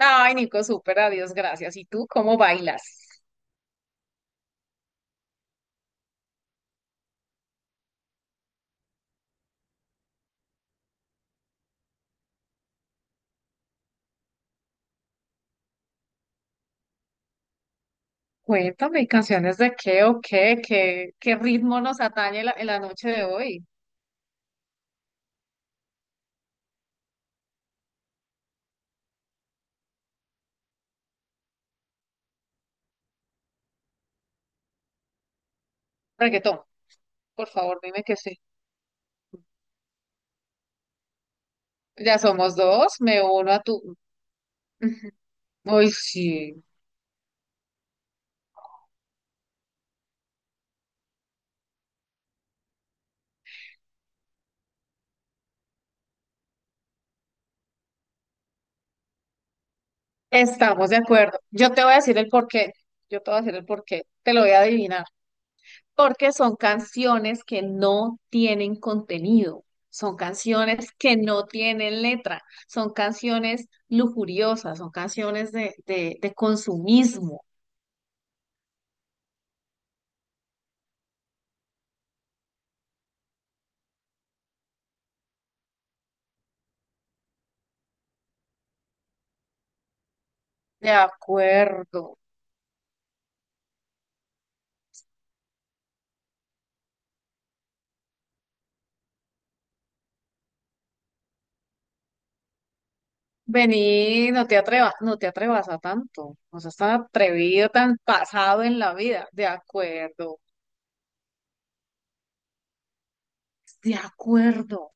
Ay, Nico, súper, adiós, gracias. ¿Y tú cómo bailas? Cuéntame, ¿canciones de qué o qué? ¿Qué ritmo nos atañe en la noche de hoy? Reggaetón, por favor, dime que sí. Ya somos dos, me uno a tu... Ujú. Ay, sí, estamos de acuerdo. Yo te voy a decir el porqué. Yo te voy a decir el porqué. Te lo voy a adivinar. Porque son canciones que no tienen contenido, son canciones que no tienen letra, son canciones lujuriosas, son canciones de consumismo. De acuerdo. Vení, no te atrevas, no te atrevas a tanto, no seas tan atrevido, tan pasado en la vida. De acuerdo, de acuerdo.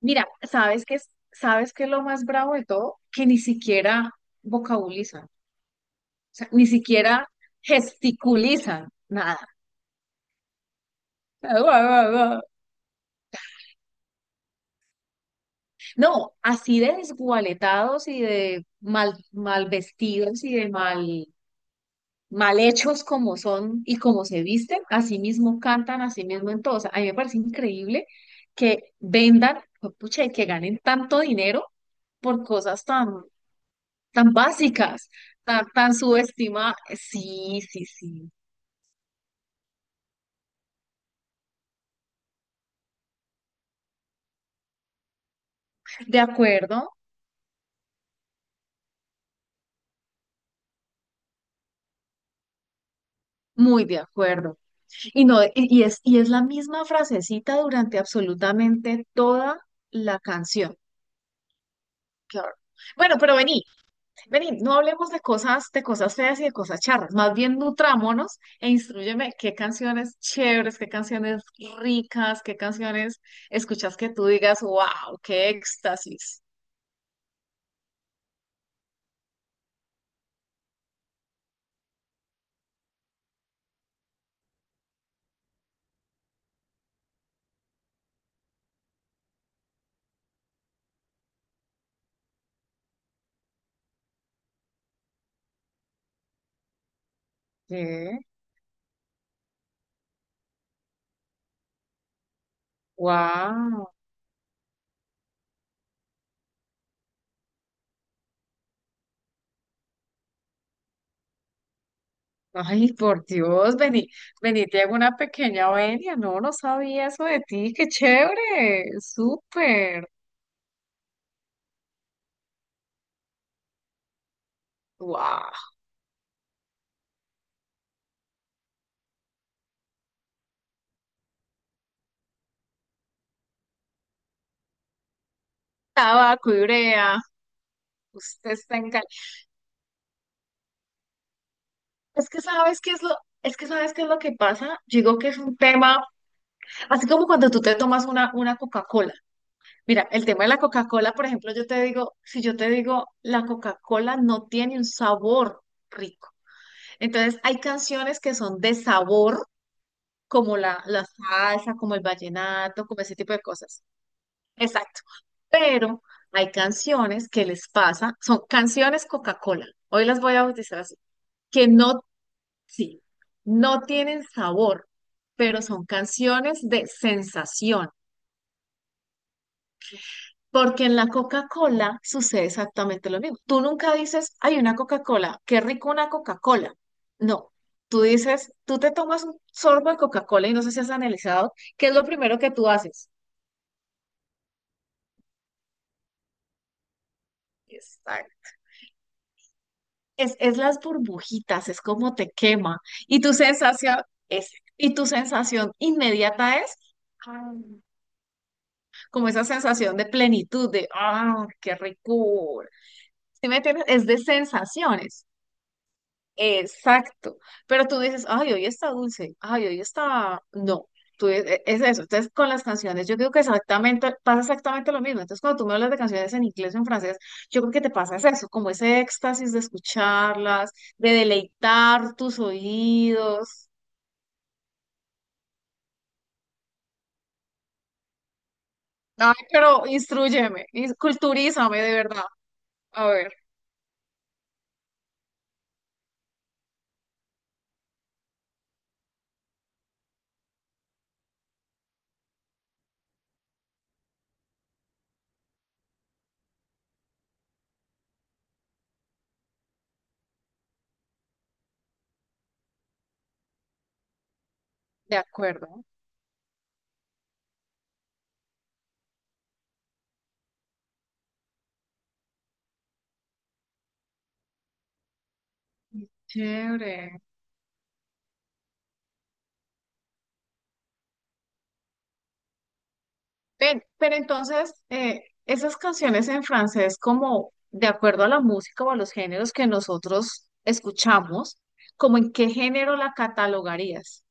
Mira, sabes qué es lo más bravo de todo? Que ni siquiera vocabulizan. Sea, ni siquiera gesticulizan nada. No, así de desgualetados y de mal, mal vestidos y de mal, mal hechos como son y como se visten, así mismo cantan, así mismo en todo. O sea, a mí me parece increíble que vendan, pucha, y que ganen tanto dinero por cosas tan, tan básicas, tan, tan subestimadas. Sí, sí, sí. De acuerdo, muy de acuerdo. Y no, y es, y es la misma frasecita durante absolutamente toda la canción. Claro. Bueno, pero vení, vení, no hablemos de cosas feas y de cosas charras. Más bien nutrámonos e instrúyeme qué canciones chéveres, qué canciones ricas, qué canciones escuchas que tú digas, wow, qué éxtasis. ¿Qué? Wow. Ay, por Dios, vení, vení, te hago una pequeña venia. No, no sabía eso de ti, qué chévere, súper. Wow, tabaco y usted está en Cali. Es que sabes qué es lo, es que sabes qué es lo que pasa. Yo digo que es un tema, así como cuando tú te tomas una Coca-Cola. Mira, el tema de la Coca-Cola, por ejemplo, yo te digo, si yo te digo, la Coca-Cola no tiene un sabor rico. Entonces, hay canciones que son de sabor, como la salsa, como el vallenato, como ese tipo de cosas. Exacto. Pero hay canciones que les pasa, son canciones Coca-Cola. Hoy las voy a bautizar así que no, sí, no tienen sabor, pero son canciones de sensación. Porque en la Coca-Cola sucede exactamente lo mismo. Tú nunca dices, hay una Coca-Cola, qué rico una Coca-Cola. No, tú dices, tú te tomas un sorbo de Coca-Cola y no sé si has analizado, ¿qué es lo primero que tú haces? Está- es las burbujitas, es como te quema. Y tu sensación es, y tu sensación inmediata es, "Ay, no". Como esa sensación de plenitud, de, ah, qué rico. ¿Sí me entiendes? Es de sensaciones. Exacto. Pero tú dices, ay, hoy está dulce, ay, hoy está... No, tú es eso. Entonces, con las canciones, yo creo que exactamente, pasa exactamente lo mismo. Entonces, cuando tú me hablas de canciones en inglés o en francés, yo creo que te pasa es eso, como ese éxtasis de escucharlas, de deleitar tus oídos. Ay, pero instrúyeme, culturízame de verdad. A ver, de acuerdo. Chévere. Ven, pero entonces, esas canciones en francés, como de acuerdo a la música o a los géneros que nosotros escuchamos, ¿como en qué género la catalogarías?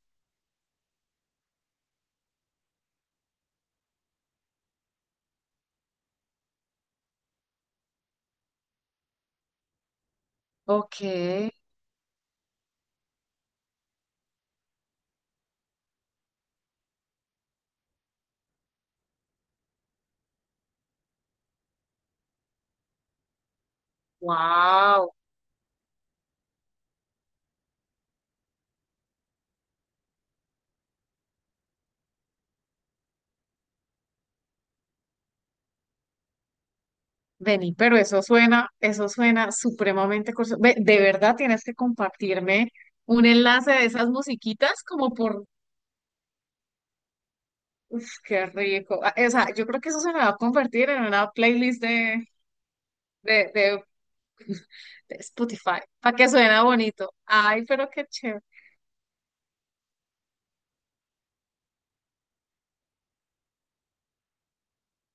Ok, wow. Vení, pero eso suena supremamente curioso. Ve, de verdad tienes que compartirme un enlace de esas musiquitas como por, uf, qué rico. Ah, o sea, yo creo que eso se me va a convertir en una playlist de, de de Spotify, para que suena bonito. Ay, pero qué chévere.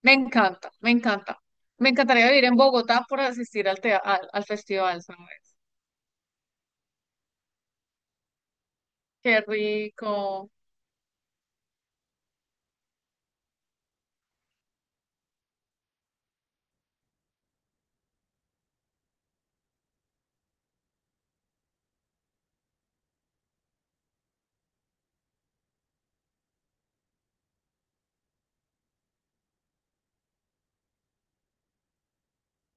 Me encanta, me encanta. Me encantaría vivir en Bogotá por asistir al, al, al festival, ¿sabes? Qué rico.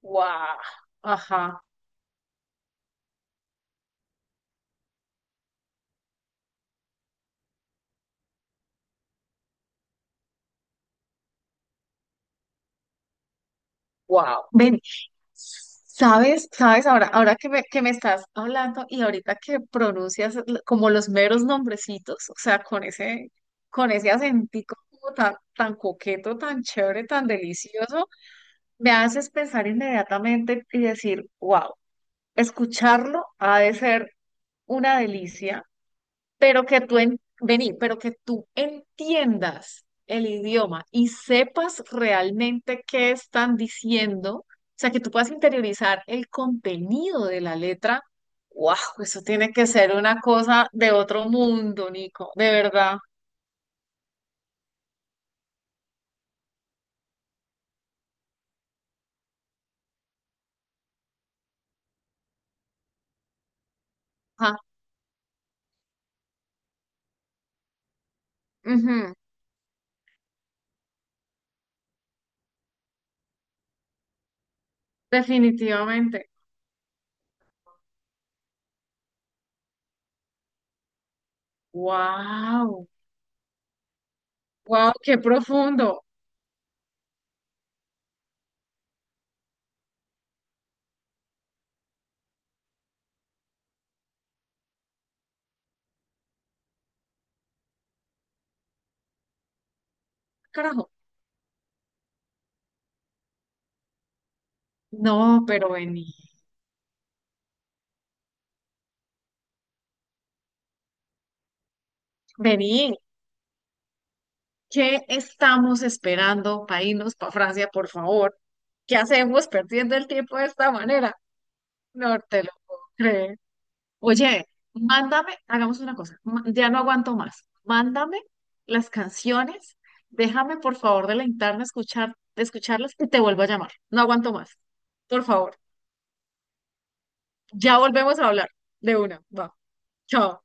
Guau. Ajá. Wow. Ven, ¿sabes? ¿Sabes? Ahora, ahora que me estás hablando y ahorita que pronuncias como los meros nombrecitos, o sea, con ese acentico como tan, tan coqueto, tan chévere, tan delicioso, me haces pensar inmediatamente y decir, wow. Escucharlo ha de ser una delicia, pero que tú en, vení, pero que tú entiendas el idioma y sepas realmente qué están diciendo, o sea, que tú puedas interiorizar el contenido de la letra. ¡Wow! Eso tiene que ser una cosa de otro mundo, Nico, de verdad. Ajá, ujú, definitivamente. ¡Wow! ¡Wow! ¡Qué profundo! Carajo. No, pero vení. Vení, ¿qué estamos esperando para irnos para Francia, por favor? ¿Qué hacemos perdiendo el tiempo de esta manera? No te lo puedo creer. Oye, mándame, hagamos una cosa, ya no aguanto más. Mándame las canciones, déjame por favor deleitarme a escuchar, de escucharlas y te vuelvo a llamar. No aguanto más. Por favor, ya volvemos a hablar de una. Va, chao.